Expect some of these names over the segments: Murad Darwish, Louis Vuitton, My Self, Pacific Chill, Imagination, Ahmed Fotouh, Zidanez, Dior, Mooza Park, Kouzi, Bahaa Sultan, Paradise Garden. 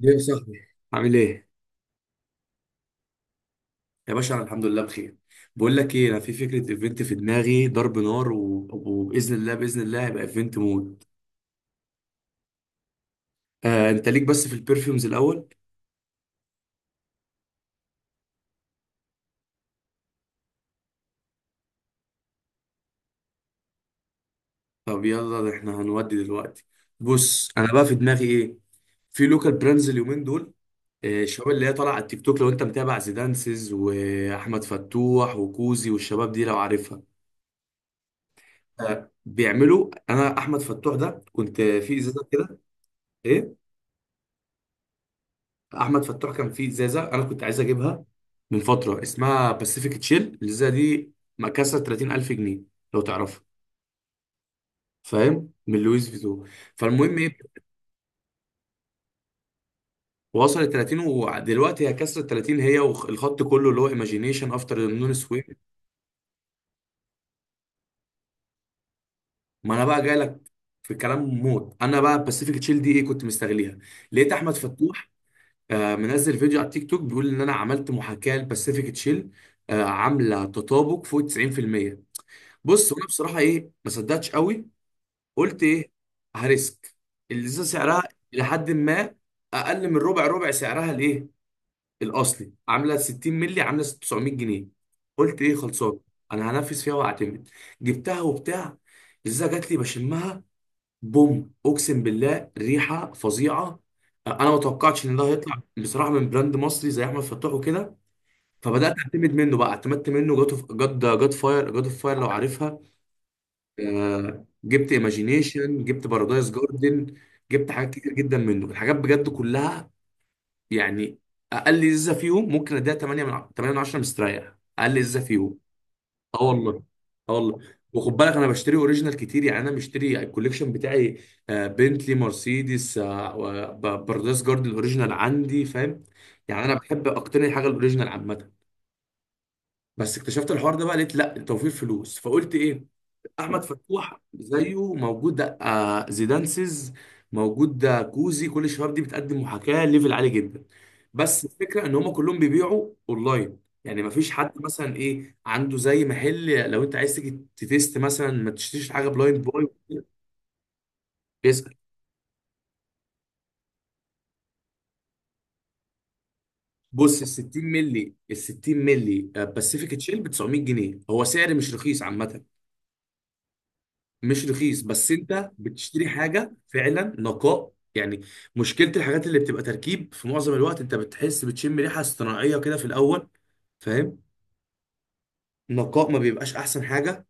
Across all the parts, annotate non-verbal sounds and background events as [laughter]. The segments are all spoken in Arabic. ليه يا صاحبي عامل ايه؟ يا باشا انا الحمد لله بخير. بقول لك ايه، انا في فكره ايفنت في دماغي ضرب نار و- وباذن الله باذن الله هيبقى ايفنت موت. آه، انت ليك بس في البرفيومز الاول؟ طب يلا، ده احنا هنودي دلوقتي. بص، انا بقى في دماغي ايه؟ في لوكال براندز اليومين دول، آه، الشباب اللي هي طالعه على التيك توك، لو انت متابع زيدانسز واحمد فتوح وكوزي والشباب دي لو عارفها. آه، بيعملوا، انا احمد فتوح ده كنت في ازازه كده. ايه، احمد فتوح كان في ازازه، انا كنت عايز اجيبها من فتره، اسمها باسيفيك تشيل، الازازه دي مكسره 30,000 جنيه لو تعرفها، فاهم، من لويس فيتو. فالمهم ايه، وصلت 30، ودلوقتي هي كسرت 30 هي والخط كله اللي هو ايماجينيشن افتر نون سويم. ما انا بقى جاي لك في كلام موت. انا بقى باسيفيك تشيل دي ايه، كنت مستغليها، لقيت احمد فتوح آه، منزل فيديو على التيك توك بيقول ان انا عملت محاكاه لباسيفيك تشيل، آه، عامله تطابق فوق 90%. بص، وانا بصراحه، ايه، ما صدقتش قوي. قلت ايه، هريسك، اللي سعرها الى حد ما اقل من ربع ربع سعرها، الايه، الاصلي، عامله 60 مللي عامله 900 جنيه. قلت ايه، خلصان، انا هنفذ فيها واعتمد. جبتها وبتاع، الازازه جات لي، بشمها، بوم، اقسم بالله ريحه فظيعه. انا ما توقعتش ان ده هيطلع بصراحه من براند مصري زي احمد فتوح وكده. فبدات اعتمد منه بقى، اعتمدت منه جاد جاد جاد فاير، جاد اوف فاير لو عارفها. آه، جبت ايماجينيشن، جبت بارادايس جاردن، جبت حاجات كتير جدا منه، الحاجات بجد كلها يعني اقل ازازه فيهم ممكن اديها 8 من 8 من 10 مستريح، اقل ازازه فيهم. اه والله. اه والله. وخد بالك انا بشتري اوريجينال كتير، يعني انا مشتري الكوليكشن بتاعي، آه، بنتلي، مرسيدس، آه، بارادايس جاردن الاوريجينال عندي، فاهم. يعني انا بحب اقتني حاجه الاوريجينال عامه، بس اكتشفت الحوار ده بقى، لقيت لا، توفير فلوس، فقلت ايه، احمد فتوح زيه موجود، آه، زيدانسز موجود، آه، كوزي، كل الشباب دي بتقدم محاكاه ليفل عالي جدا. بس الفكره ان هم كلهم بيبيعوا اونلاين، يعني ما فيش حد مثلا، ايه، عنده زي محل، لو انت عايز تيجي تتست مثلا، ما تشتريش حاجه بلايند باي. بيسأل. بص، ال 60 مللي، ال 60 مللي باسيفيك تشيل ب 900 جنيه، هو سعر مش رخيص عامه. مش رخيص، بس انت بتشتري حاجه فعلا نقاء يعني. مشكله الحاجات اللي بتبقى تركيب في معظم الوقت انت بتحس بتشم ريحه اصطناعيه كده في الاول، فاهم. نقاء ما بيبقاش احسن حاجه.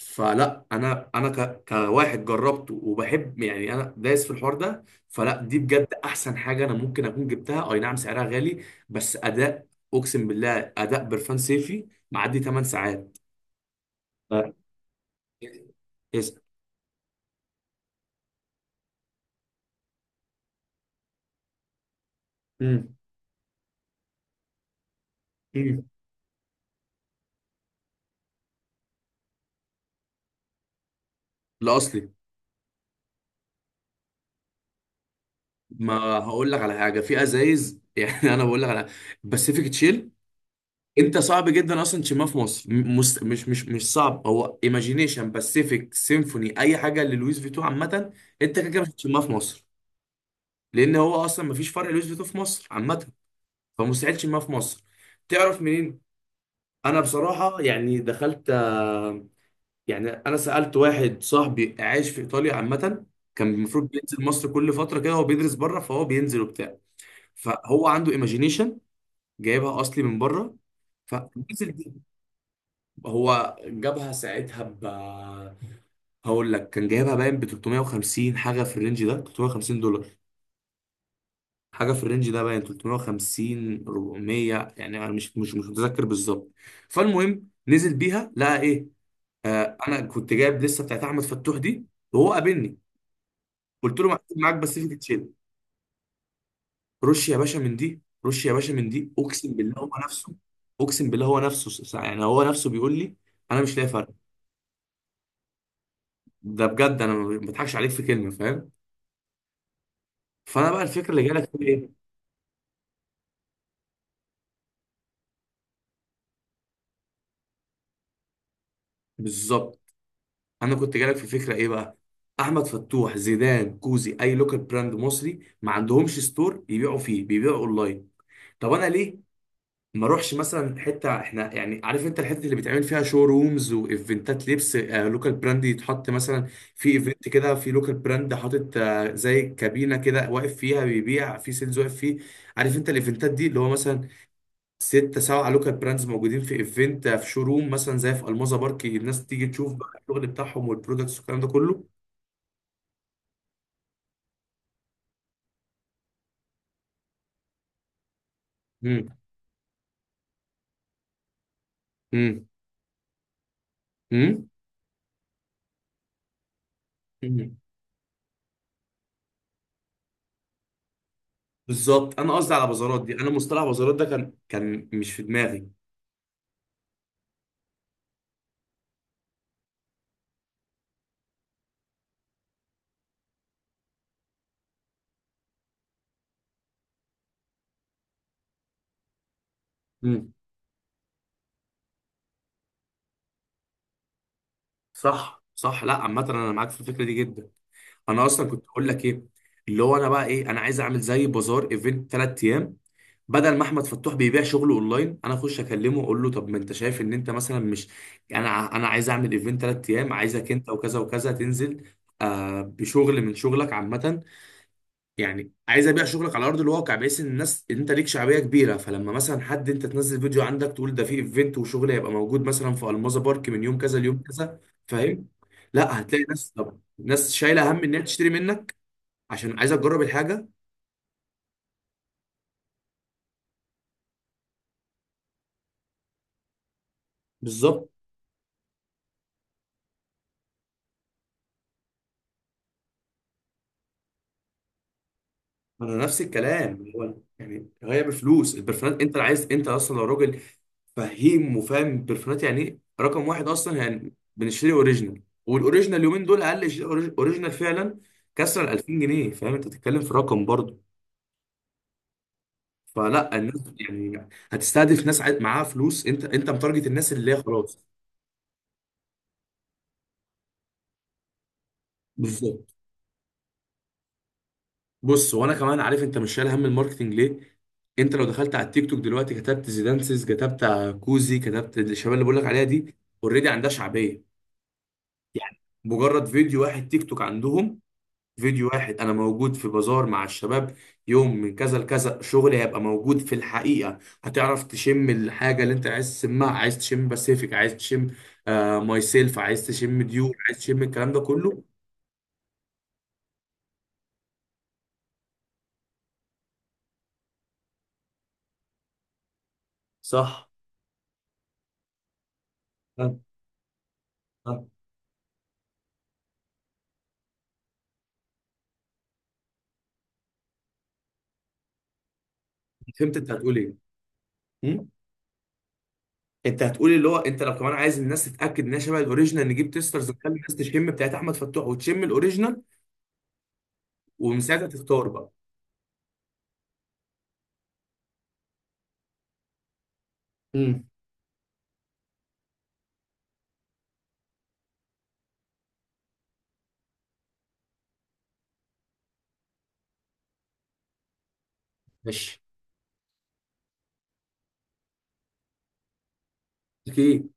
فلا، انا كواحد جربته وبحب يعني، انا دايس في الحوار ده، فلا دي بجد احسن حاجه انا ممكن اكون جبتها، اي نعم سعرها غالي، بس اداء، اقسم بالله اداء برفان صيفي معدي 8 ساعات. ف- اسأل. امم امم لا، اصلي، ما هقول لك على حاجه في ازايز [laughs] يعني انا بقول لك على باسيفيك تشيل، انت صعب جدا اصلا تشمها في مصر، مش صعب. هو ايماجينيشن، باسيفيك، سيمفوني، اي حاجه للويس فيتو عامه انت كده كده مش هتشمها في مصر، لان هو اصلا مفيش فرق لويس فيتو في مصر عامه، فمستحيل تشمها في مصر. تعرف منين؟ انا بصراحه يعني دخلت، آه، يعني انا سالت واحد صاحبي عايش في ايطاليا عامه، كان المفروض بينزل مصر كل فتره كده، هو بيدرس بره فهو بينزل وبتاع، فهو عنده ايماجينيشن جايبها اصلي من بره، فنزل دي، هو جابها ساعتها ب، هقول لك، كان جايبها باين ب 350 حاجه في الرينج ده، 350 دولار حاجه في الرينج ده، باين 350 400، يعني انا مش متذكر بالظبط. فالمهم، نزل بيها، لقى ايه، آه، انا كنت جايب لسه بتاعت احمد فتوح دي، وهو قابلني، قلت له معاك، معاك باسيفيك تشيل، رش يا باشا من دي، رش يا باشا من دي، اقسم بالله هو نفسه، اقسم بالله هو نفسه، يعني هو نفسه بيقول لي انا مش لاقي فرق. ده بجد انا ما بضحكش عليك في كلمه، فاهم. فانا بقى الفكره اللي جالك في ايه، بالظبط، انا كنت جالك في فكره ايه بقى، احمد فتوح، زيدان، كوزي، اي لوكال براند مصري ما عندهمش ستور يبيعوا فيه، بيبيعوا اونلاين. طب انا ليه ما اروحش مثلا حته، احنا يعني عارف انت الحته اللي بيتعمل فيها شو رومز وايفنتات لبس، آه، لوكال براند يتحط مثلا في ايفنت كده، في لوكال براند حاطط، آه، زي كابينه كده، واقف فيها بيبيع في سيلز، واقف فيه، عارف انت الايفنتات دي اللي هو مثلا ستة سبعة لوكال براندز موجودين في ايفنت، في شوروم مثلا زي في الموزة بارك، الناس تيجي تشوف بقى الشغل بتاعهم، والبرودكتس، والكلام ده كله. مم. مم. مم. مم. بالظبط، انا قصدي على بازارات دي، انا مصطلح بازارات ده كان مش في دماغي. مم. صح، صح، لا عامة انا معاك في الفكرة دي جدا. انا اصلا كنت اقول لك ايه، اللي هو انا بقى ايه، انا عايز اعمل زي بازار، ايفنت 3 ايام، بدل ما احمد فتوح بيبيع شغله اونلاين، انا اخش اكلمه، اقول له طب ما انت شايف ان انت مثلا مش، انا عايز اعمل ايفنت 3 ايام، عايزك انت وكذا وكذا تنزل، آه، بشغل من شغلك عامه، يعني عايز ابيع شغلك على ارض الواقع، بحيث ان الناس، ان انت ليك شعبيه كبيره، فلما مثلا، حد انت تنزل فيديو عندك تقول ده في ايفنت وشغل هيبقى موجود مثلا في الماظه بارك من يوم كذا ليوم كذا، فاهم. لا، هتلاقي ناس، طب ناس شايله هم ان هي تشتري منك، عشان عايزه تجرب الحاجه. بالظبط، انا نفس الكلام، هو يعني هي بفلوس البرفانات، انت عايز، انت اصلا لو راجل فهيم وفاهم برفانات يعني، ايه، رقم واحد اصلا يعني بنشتري اوريجينال، والاوريجينال اليومين دول اقل شيء اوريجينال فعلا كسر ال 2000 جنيه، فاهم، انت بتتكلم في رقم برضه، فلا الناس يعني هتستهدف ناس معاها فلوس، انت متارجت الناس اللي هي خلاص. بالظبط، بص، وانا كمان عارف انت مش شايل هم الماركتنج ليه، انت لو دخلت على التيك توك دلوقتي كتبت زيدانسز، كتبت كوزي، كتبت الشباب اللي بقول لك عليها دي، اوريدي عندها شعبيه، يعني مجرد فيديو واحد تيك توك عندهم، فيديو واحد انا موجود في بازار مع الشباب، يوم من كذا لكذا، شغلي هيبقى موجود في الحقيقه، هتعرف تشم الحاجه اللي انت عايز تشمها، عايز تشم باسيفيك، عايز تشم، آه، ماي سيلف، عايز تشم ديور، عايز تشم الكلام ده كله. صح. آه، آه. فهمت انت هتقول ايه، م؟ انت هتقول اللي هو انت لو كمان عايز الناس تتاكد انها شبه الاوريجينال، نجيب تيسترز، نخلي الناس تشم بتاعت احمد فتوح وتشم الاوريجينال، ومن ساعتها تختار بقى. امم. ماشي. اكيد.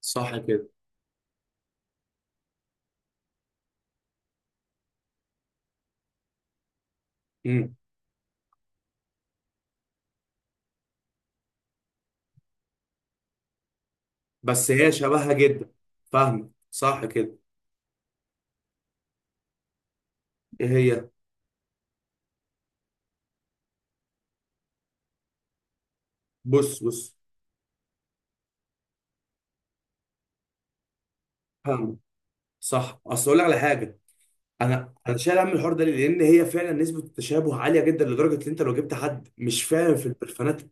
صح كده. امم. بس هي شبهها جدا، فاهمه، صح كده. ايه هي؟ بص، بص، فاهمه، صح. اصل اقول لك على حاجه، انا شايل هم الحوار ده ليه؟ لان هي فعلا نسبه التشابه عاليه جدا، لدرجه ان انت لو جبت حد مش فاهم في البرفانات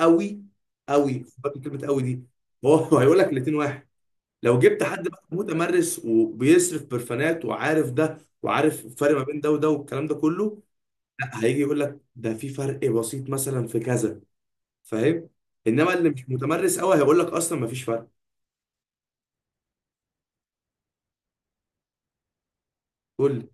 قوي، قوي خد بالك من كلمه قوي دي، هو [laughs] هو هيقول لك الاتنين واحد. لو جبت حد بقى متمرس وبيصرف برفانات، وعارف ده وعارف الفرق ما بين ده وده والكلام ده كله، لا، هيجي يقول لك ده في فرق بسيط مثلا في كذا، فاهم. انما اللي مش متمرس قوي هيقول لك اصلا ما فيش فرق. قول لي.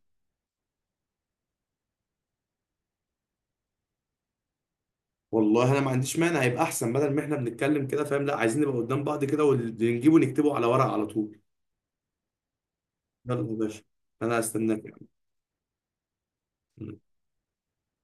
والله انا ما عنديش مانع، يبقى احسن بدل ما احنا بنتكلم كده فاهم، لا، عايزين نبقى قدام بعض كده، واللي نجيبه نكتبه على ورق على طول. يلا يا باشا، انا هستناك. يعني